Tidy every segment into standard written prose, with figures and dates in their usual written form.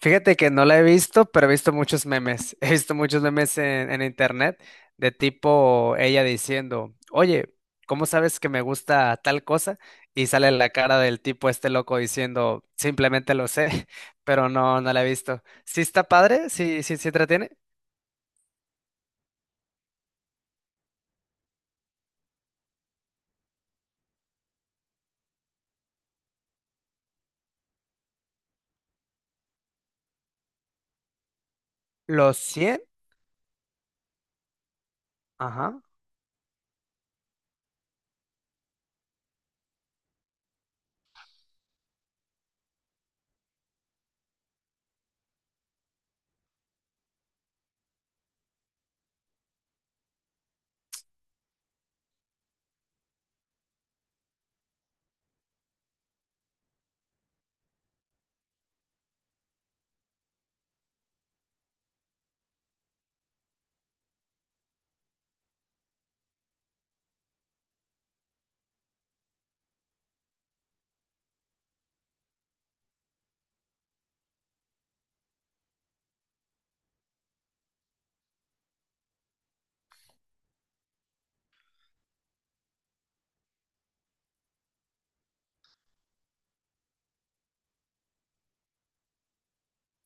Fíjate que no la he visto, pero he visto muchos memes. He visto muchos memes en internet de tipo ella diciendo, oye, ¿cómo sabes que me gusta tal cosa? Y sale la cara del tipo este loco diciendo, simplemente lo sé, pero no, no la he visto. Sí está padre, sí, sí, sí entretiene. Los cien, ajá.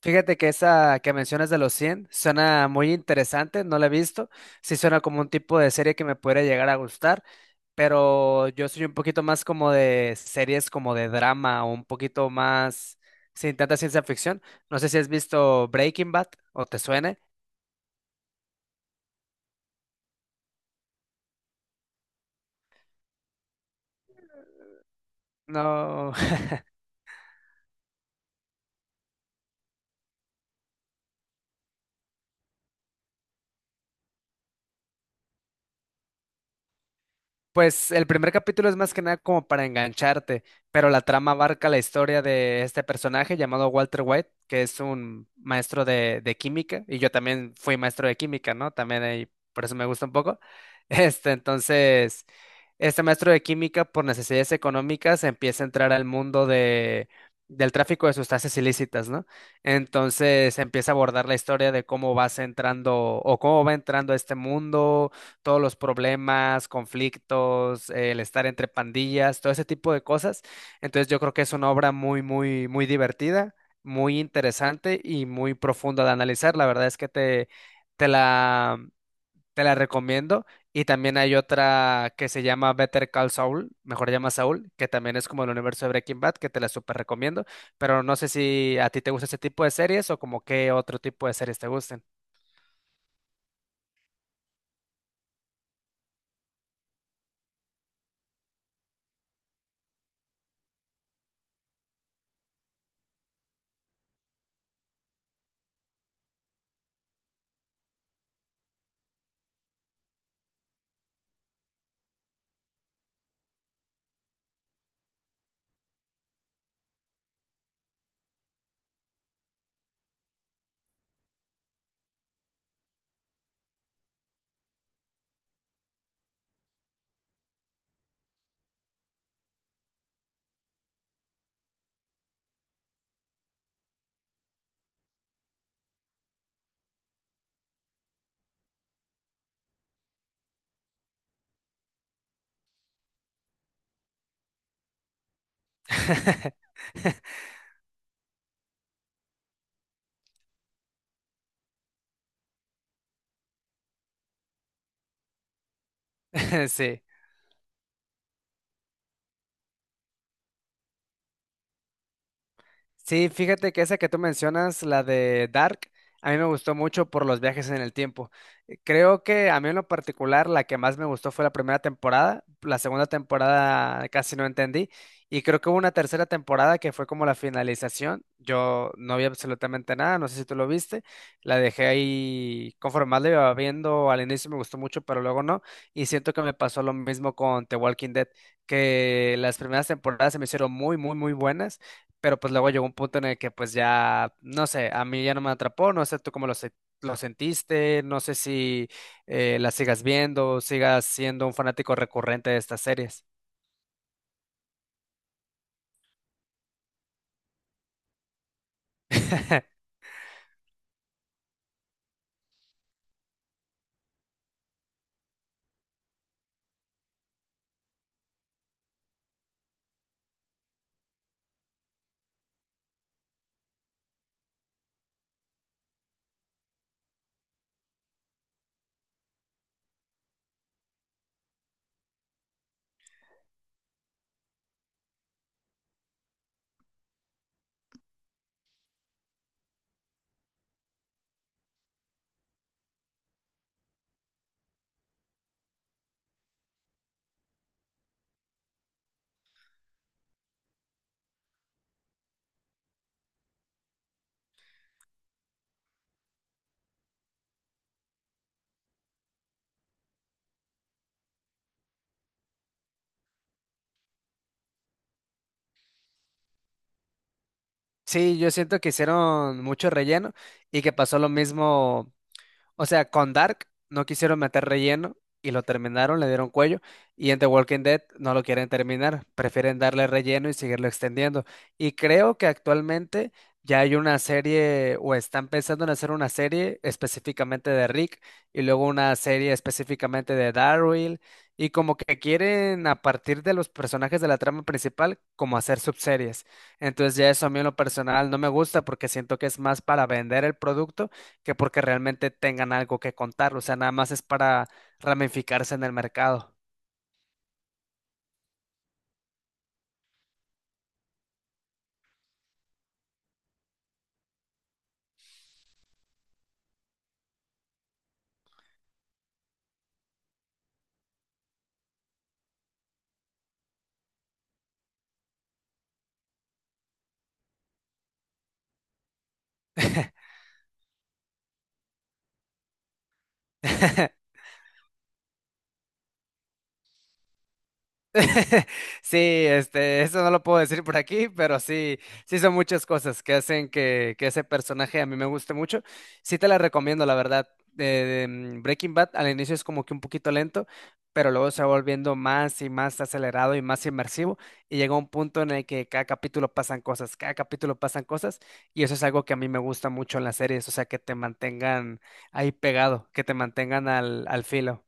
Fíjate que esa que mencionas de los 100 suena muy interesante, no la he visto. Sí suena como un tipo de serie que me pudiera llegar a gustar. Pero yo soy un poquito más como de series como de drama o un poquito más sin tanta ciencia ficción. No sé si has visto Breaking Bad o te suene. No. Pues el primer capítulo es más que nada como para engancharte, pero la trama abarca la historia de este personaje llamado Walter White, que es un maestro de química, y yo también fui maestro de química, ¿no? También ahí, por eso me gusta un poco. Este, entonces, este maestro de química, por necesidades económicas, empieza a entrar al mundo de, del tráfico de sustancias ilícitas, ¿no? Entonces empieza a abordar la historia de cómo vas entrando o cómo va entrando a este mundo, todos los problemas, conflictos, el estar entre pandillas, todo ese tipo de cosas. Entonces yo creo que es una obra muy, muy, muy divertida, muy interesante y muy profunda de analizar. La verdad es que te la, te la recomiendo. Y también hay otra que se llama Better Call Saul, mejor llama Saul, que también es como el universo de Breaking Bad, que te la súper recomiendo. Pero no sé si a ti te gusta ese tipo de series o como qué otro tipo de series te gusten. Sí. Sí, fíjate que esa que tú mencionas, la de Dark, a mí me gustó mucho por los viajes en el tiempo. Creo que a mí en lo particular la que más me gustó fue la primera temporada, la segunda temporada casi no entendí y creo que hubo una tercera temporada que fue como la finalización. Yo no vi absolutamente nada, no sé si tú lo viste, la dejé ahí conforme más la iba viendo, al inicio me gustó mucho, pero luego no, y siento que me pasó lo mismo con The Walking Dead, que las primeras temporadas se me hicieron muy, muy, muy buenas, pero pues luego llegó un punto en el que pues ya, no sé, a mí ya no me atrapó, no sé tú cómo lo sentiste, no sé si la sigas viendo, sigas siendo un fanático recurrente de estas series. Sí, yo siento que hicieron mucho relleno y que pasó lo mismo. O sea, con Dark no quisieron meter relleno y lo terminaron, le dieron cuello. Y en The Walking Dead no lo quieren terminar, prefieren darle relleno y seguirlo extendiendo. Y creo que actualmente ya hay una serie o están pensando en hacer una serie específicamente de Rick y luego una serie específicamente de Daryl. Y como que quieren, a partir de los personajes de la trama principal, como hacer subseries. Entonces ya eso a mí en lo personal no me gusta porque siento que es más para vender el producto que porque realmente tengan algo que contar. O sea, nada más es para ramificarse en el mercado. Sí, este, eso no lo puedo decir por aquí, pero sí, sí son muchas cosas que hacen que ese personaje a mí me guste mucho. Sí te la recomiendo, la verdad. Breaking Bad al inicio es como que un poquito lento, pero luego se va volviendo más y más acelerado y más inmersivo, y llega un punto en el que cada capítulo pasan cosas, cada capítulo pasan cosas, y eso es algo que a mí me gusta mucho en las series, o sea, que te mantengan ahí pegado, que te mantengan al, filo.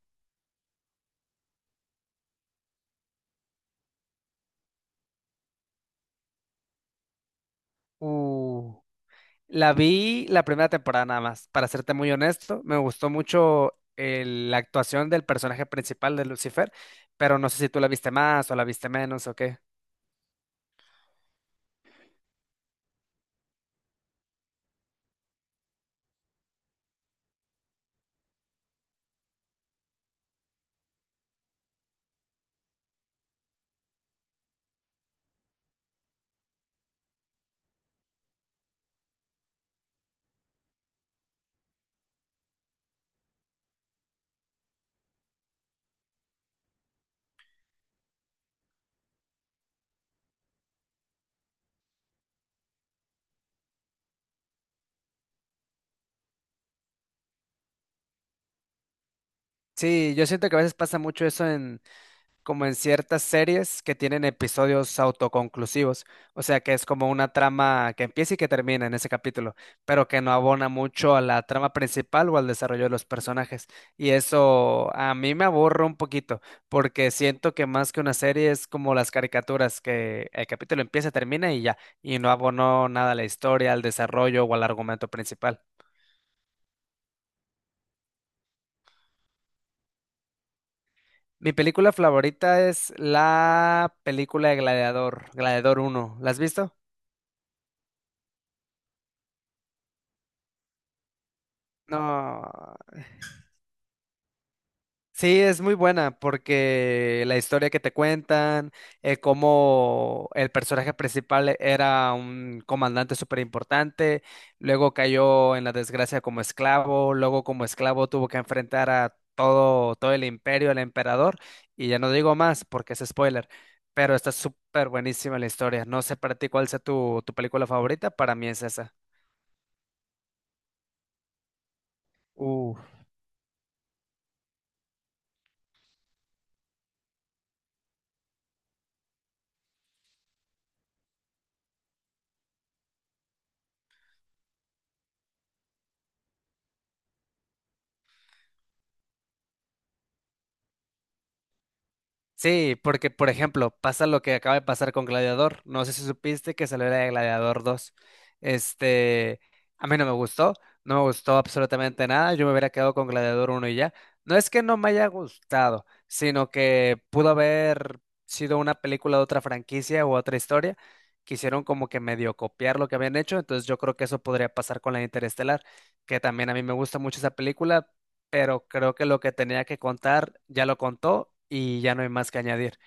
Uh. La vi la primera temporada nada más, para serte muy honesto. Me gustó mucho la actuación del personaje principal de Lucifer, pero no sé si tú la viste más o la viste menos o qué. Sí, yo siento que a veces pasa mucho eso, como en ciertas series que tienen episodios autoconclusivos, o sea, que es como una trama que empieza y que termina en ese capítulo, pero que no abona mucho a la trama principal o al desarrollo de los personajes. Y eso a mí me aburre un poquito, porque siento que más que una serie es como las caricaturas, que el capítulo empieza, termina y ya, y no abonó nada a la historia, al desarrollo o al argumento principal. Mi película favorita es la película de Gladiador, Gladiador uno. ¿La has visto? No. Sí, es muy buena porque la historia que te cuentan, cómo el personaje principal era un comandante súper importante, luego cayó en la desgracia como esclavo, luego como esclavo tuvo que enfrentar a todo, todo el imperio, al emperador, y ya no digo más porque es spoiler, pero está súper buenísima la historia. No sé para ti cuál sea tu película favorita, para mí es esa. Sí, porque por ejemplo, pasa lo que acaba de pasar con Gladiador. No sé si supiste que salió la de Gladiador dos. Este, a mí no me gustó, no me gustó absolutamente nada. Yo me hubiera quedado con Gladiador uno y ya. No es que no me haya gustado, sino que pudo haber sido una película de otra franquicia u otra historia. Quisieron como que medio copiar lo que habían hecho, entonces yo creo que eso podría pasar con la de Interestelar, que también a mí me gusta mucho esa película, pero creo que lo que tenía que contar ya lo contó y ya no hay más que añadir.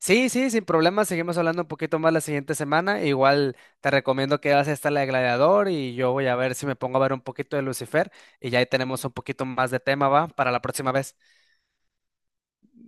Sí, sí, sin problema, seguimos hablando un poquito más la siguiente semana. Igual te recomiendo que veas esta, la de Gladiador, y yo voy a ver si me pongo a ver un poquito de Lucifer y ya ahí tenemos un poquito más de tema, ¿va? Para la próxima vez.